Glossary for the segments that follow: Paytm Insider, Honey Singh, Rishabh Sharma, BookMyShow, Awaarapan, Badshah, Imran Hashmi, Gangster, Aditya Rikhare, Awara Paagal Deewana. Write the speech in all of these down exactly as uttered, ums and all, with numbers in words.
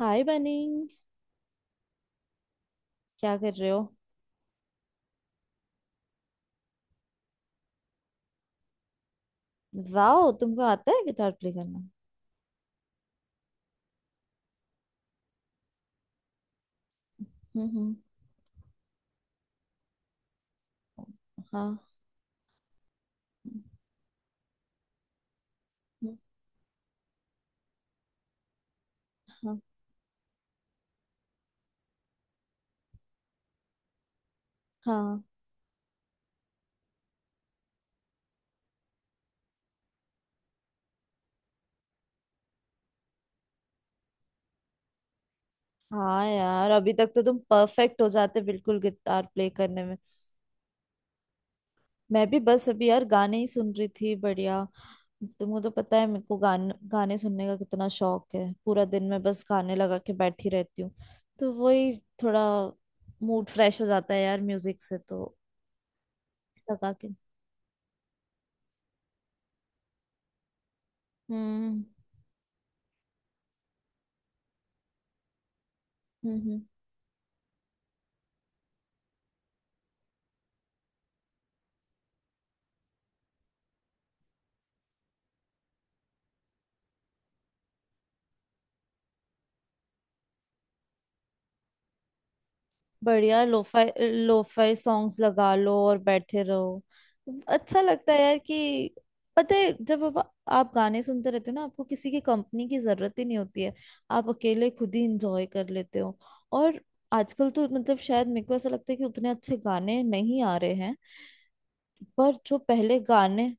हाय बनी। क्या कर रहे हो? वाओ, तुमको आता है गिटार प्ले करना? हम्म हम्म। हाँ। हम्म। हाँ, हाँ हाँ यार, अभी तक तो तुम परफेक्ट हो जाते बिल्कुल गिटार प्ले करने में। मैं भी बस अभी यार गाने ही सुन रही थी, बढ़िया। तुमको तो पता है मेरे को गाने गाने सुनने का कितना शौक है, पूरा दिन मैं बस गाने लगा के बैठी रहती हूँ। तो वही, थोड़ा मूड फ्रेश हो जाता है यार म्यूजिक से तो, लगा के। हम्म हम्म। बढ़िया लोफाई, लोफाई सॉन्ग्स लगा लो और बैठे रहो, अच्छा लगता है यार कि, पता है जब आप, आप गाने सुनते रहते हो ना, आपको किसी की कंपनी की जरूरत ही नहीं होती है, आप अकेले खुद ही इंजॉय कर लेते हो। और आजकल तो मतलब शायद मेरे को ऐसा लगता है कि उतने अच्छे गाने नहीं आ रहे हैं, पर जो पहले गाने।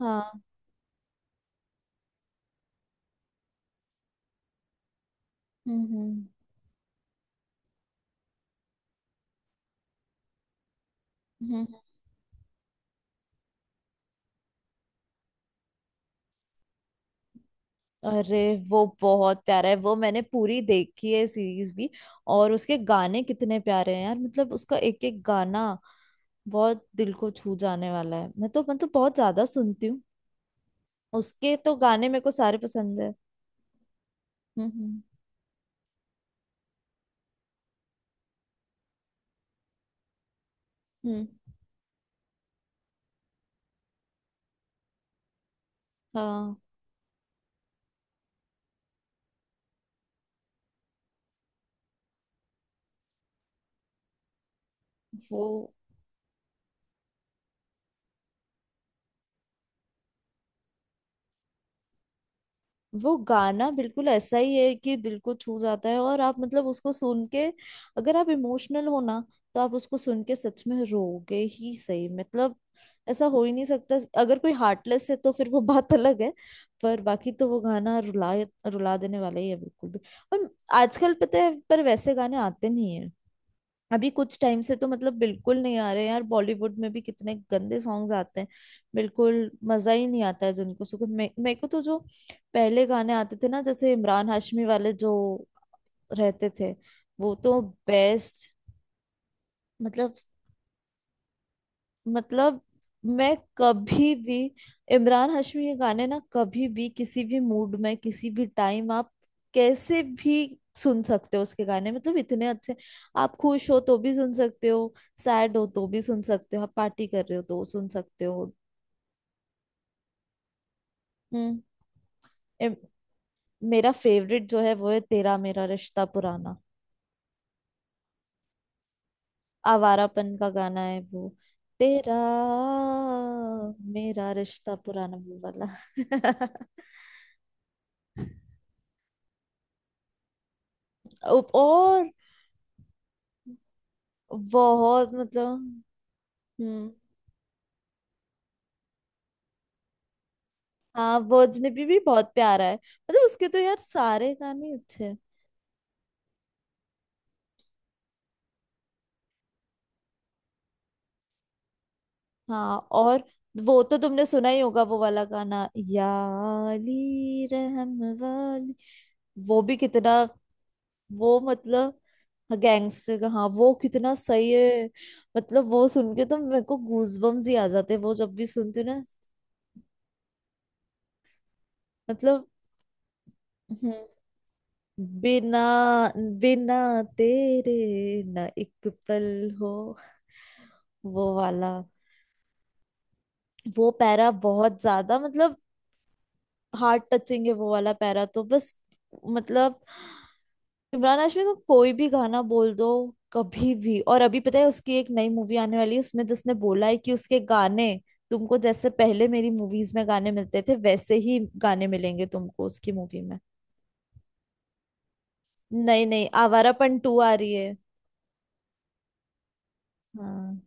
हाँ। हम्म हम्म। हम्म। अरे, वो बहुत प्यारा है, वो मैंने पूरी देखी है सीरीज भी। और उसके गाने कितने प्यारे हैं यार, मतलब उसका एक एक गाना बहुत दिल को छू जाने वाला है, मैं तो मतलब बहुत ज्यादा सुनती हूँ, उसके तो गाने मेरे को सारे पसंद है। हम्म हम्म। हम्म। हाँ। वो वो गाना बिल्कुल ऐसा ही है कि दिल को छू जाता है, और आप मतलब उसको सुन के, अगर आप इमोशनल हो ना, तो आप उसको सुन के सच में रोगे ही, सही मतलब, ऐसा हो ही नहीं सकता। अगर कोई हार्टलेस है तो फिर वो बात अलग है, पर बाकी तो वो गाना रुला रुला देने वाला ही है बिल्कुल भी। और आजकल पता है पर वैसे गाने आते नहीं, अभी कुछ टाइम से तो मतलब बिल्कुल नहीं आ रहे यार, बॉलीवुड में भी कितने गंदे सॉन्ग्स आते हैं, बिल्कुल मजा ही नहीं आता है जिनको सुन के। मे, मेरे को तो जो पहले गाने आते थे ना, जैसे इमरान हाशमी वाले जो रहते थे वो तो बेस्ट। मतलब, मतलब मैं कभी भी इमरान हाशमी के गाने ना, कभी भी किसी भी मूड में, किसी भी टाइम आप कैसे भी सुन सकते हो उसके गाने, मतलब इतने अच्छे। आप खुश हो तो भी सुन सकते हो, सैड हो तो भी सुन सकते हो, आप पार्टी कर रहे हो तो सुन सकते हो। हम्म। इम- मेरा फेवरेट जो है वो है तेरा मेरा रिश्ता पुराना। आवारापन का गाना है वो, तेरा मेरा रिश्ता पुराना वो वाला। उप- और बहुत मतलब। हम्म। हाँ वो अजनबी भी बहुत प्यारा है, मतलब उसके तो यार सारे गाने अच्छे हैं। हाँ। और वो तो तुमने सुना ही होगा वो वाला गाना याली रहम वाली। वो भी कितना, वो मतलब। गैंगस्टर का हाँ, वो कितना सही है। मतलब वो सुन के तो मेरे को गूज बम्स ही आ जाते हैं, वो जब भी सुनती हूँ ना। मतलब। हम्म। बिना, बिना तेरे ना एक पल, हो वो वाला। वो पैरा बहुत ज्यादा मतलब हार्ट टचिंग है, वो वाला पैरा तो बस मतलब। इमरान हाशमी को कोई भी गाना बोल दो कभी भी। और अभी पता है उसकी एक नई मूवी आने वाली है उसमें, जिसने बोला है कि उसके गाने तुमको जैसे पहले मेरी मूवीज में गाने मिलते थे वैसे ही गाने मिलेंगे तुमको उसकी मूवी में। नहीं नहीं, आवारापन टू आ रही है। हाँ।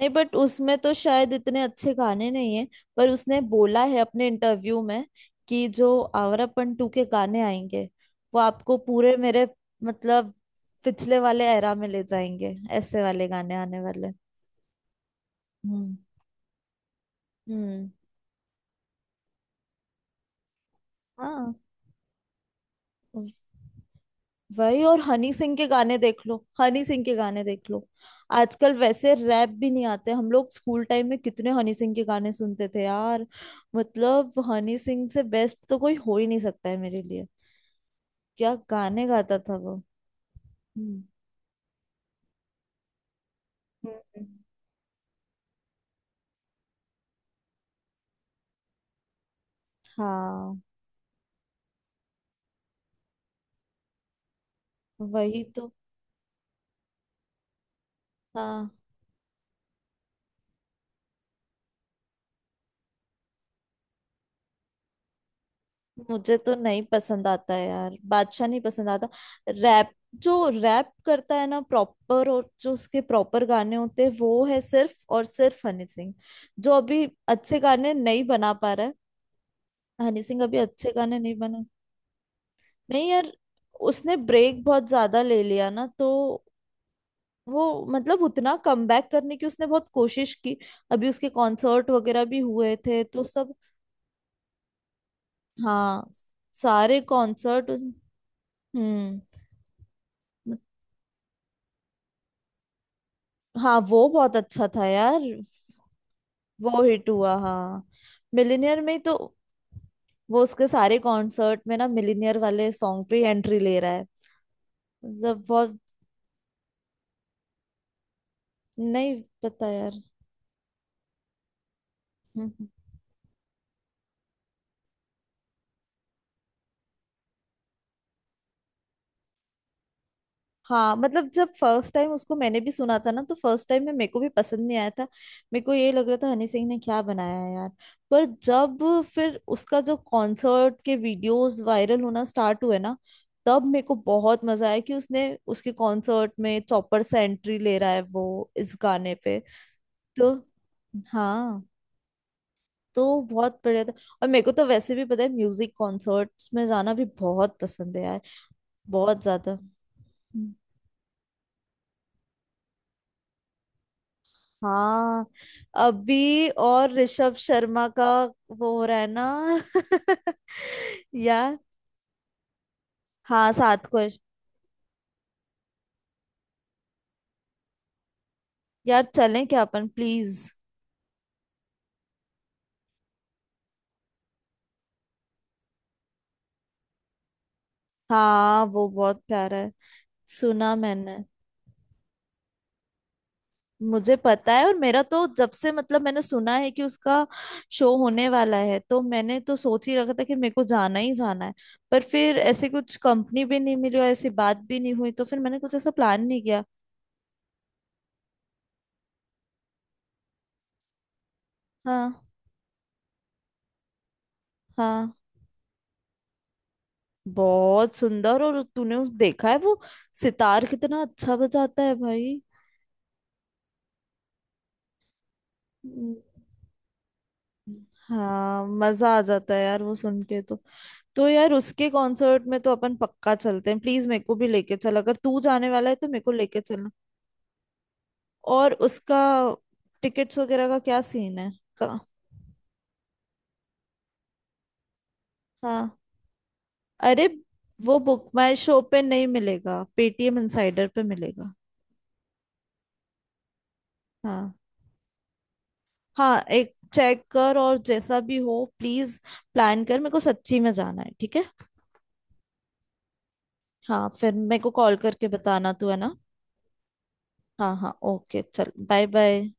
नहीं बट उसमें तो शायद इतने अच्छे गाने नहीं है, पर उसने बोला है अपने इंटरव्यू में कि जो आवारा पंटू के गाने आएंगे वो आपको पूरे मेरे मतलब पिछले वाले एरा में ले जाएंगे, ऐसे वाले गाने आने वाले। हम्म। हम्म। हाँ वही। और हनी सिंह के गाने देख लो, हनी सिंह के गाने देख लो, आजकल वैसे रैप भी नहीं आते। हम लोग स्कूल टाइम में कितने हनी सिंह के गाने सुनते थे यार, मतलब हनी सिंह से बेस्ट तो कोई हो ही नहीं सकता है मेरे लिए। क्या गाने गाता था वो। हम्म, हम्म। हाँ वही तो। हाँ। मुझे तो नहीं पसंद आता है यार बादशाह, नहीं पसंद आता। रैप जो रैप करता है ना प्रॉपर, और जो उसके प्रॉपर गाने होते हैं वो है सिर्फ और सिर्फ हनी सिंह, जो अभी अच्छे गाने नहीं बना पा रहा है। हनी सिंह अभी अच्छे गाने नहीं बना। नहीं यार, उसने ब्रेक बहुत ज्यादा ले लिया ना, तो वो मतलब उतना कमबैक करने की उसने बहुत कोशिश की। अभी उसके कॉन्सर्ट वगैरह भी हुए थे तो सब। हाँ सारे कॉन्सर्ट। हम्म। हाँ वो बहुत अच्छा था यार, वो हिट हुआ हाँ, मिलिनियर में ही तो। वो उसके सारे कॉन्सर्ट में ना मिलिनियर वाले सॉन्ग पे एंट्री ले रहा है, मतलब बहुत। नहीं पता यार। हम्म। हाँ मतलब जब फर्स्ट टाइम उसको मैंने भी सुना था ना, तो फर्स्ट टाइम में मेरे को भी पसंद नहीं आया था, मेरे को ये लग रहा था हनी सिंह ने क्या बनाया है यार। पर जब फिर उसका जो कॉन्सर्ट के वीडियोस वायरल होना स्टार्ट हुए ना, तब मेरे को बहुत मजा आया कि उसने उसके कॉन्सर्ट में चौपर से एंट्री ले रहा है वो इस गाने पे। तो हाँ, तो बहुत बढ़िया था। और मेरे को तो वैसे भी पता है म्यूजिक कॉन्सर्ट्स में जाना भी बहुत पसंद है यार, बहुत ज्यादा। हाँ, अभी और ऋषभ शर्मा का वो हो रहा है ना। यार हाँ, सात को। यार चलें क्या अपन, प्लीज? हाँ वो बहुत प्यारा है, सुना मैंने। मुझे पता है, और मेरा तो जब से मतलब मैंने सुना है कि उसका शो होने वाला है तो मैंने तो सोच ही रखा था कि मेरे को जाना ही जाना है, पर फिर ऐसे कुछ कंपनी भी नहीं मिली और ऐसी बात भी नहीं हुई तो फिर मैंने कुछ ऐसा प्लान नहीं किया। हाँ। हाँ, बहुत सुंदर। और तूने उस देखा है वो, सितार कितना अच्छा बजाता है भाई। हम्म, हाँ मजा आ जाता है यार वो सुन के तो। तो यार उसके कॉन्सर्ट में तो अपन पक्का चलते हैं, प्लीज मेरे को भी लेके चल, अगर तू जाने वाला है तो मेरे को लेके चलना। और उसका टिकट्स वगैरह का क्या सीन है, का। हाँ। अरे वो बुक माई शो पे नहीं मिलेगा, पेटीएम इनसाइडर पे मिलेगा। हाँ। हाँ एक चेक कर, और जैसा भी हो प्लीज प्लान कर, मेरे को सच्ची में जाना है, ठीक है। हाँ फिर मेरे को कॉल करके बताना तू, है ना। हाँ हाँ ओके चल, बाय बाय।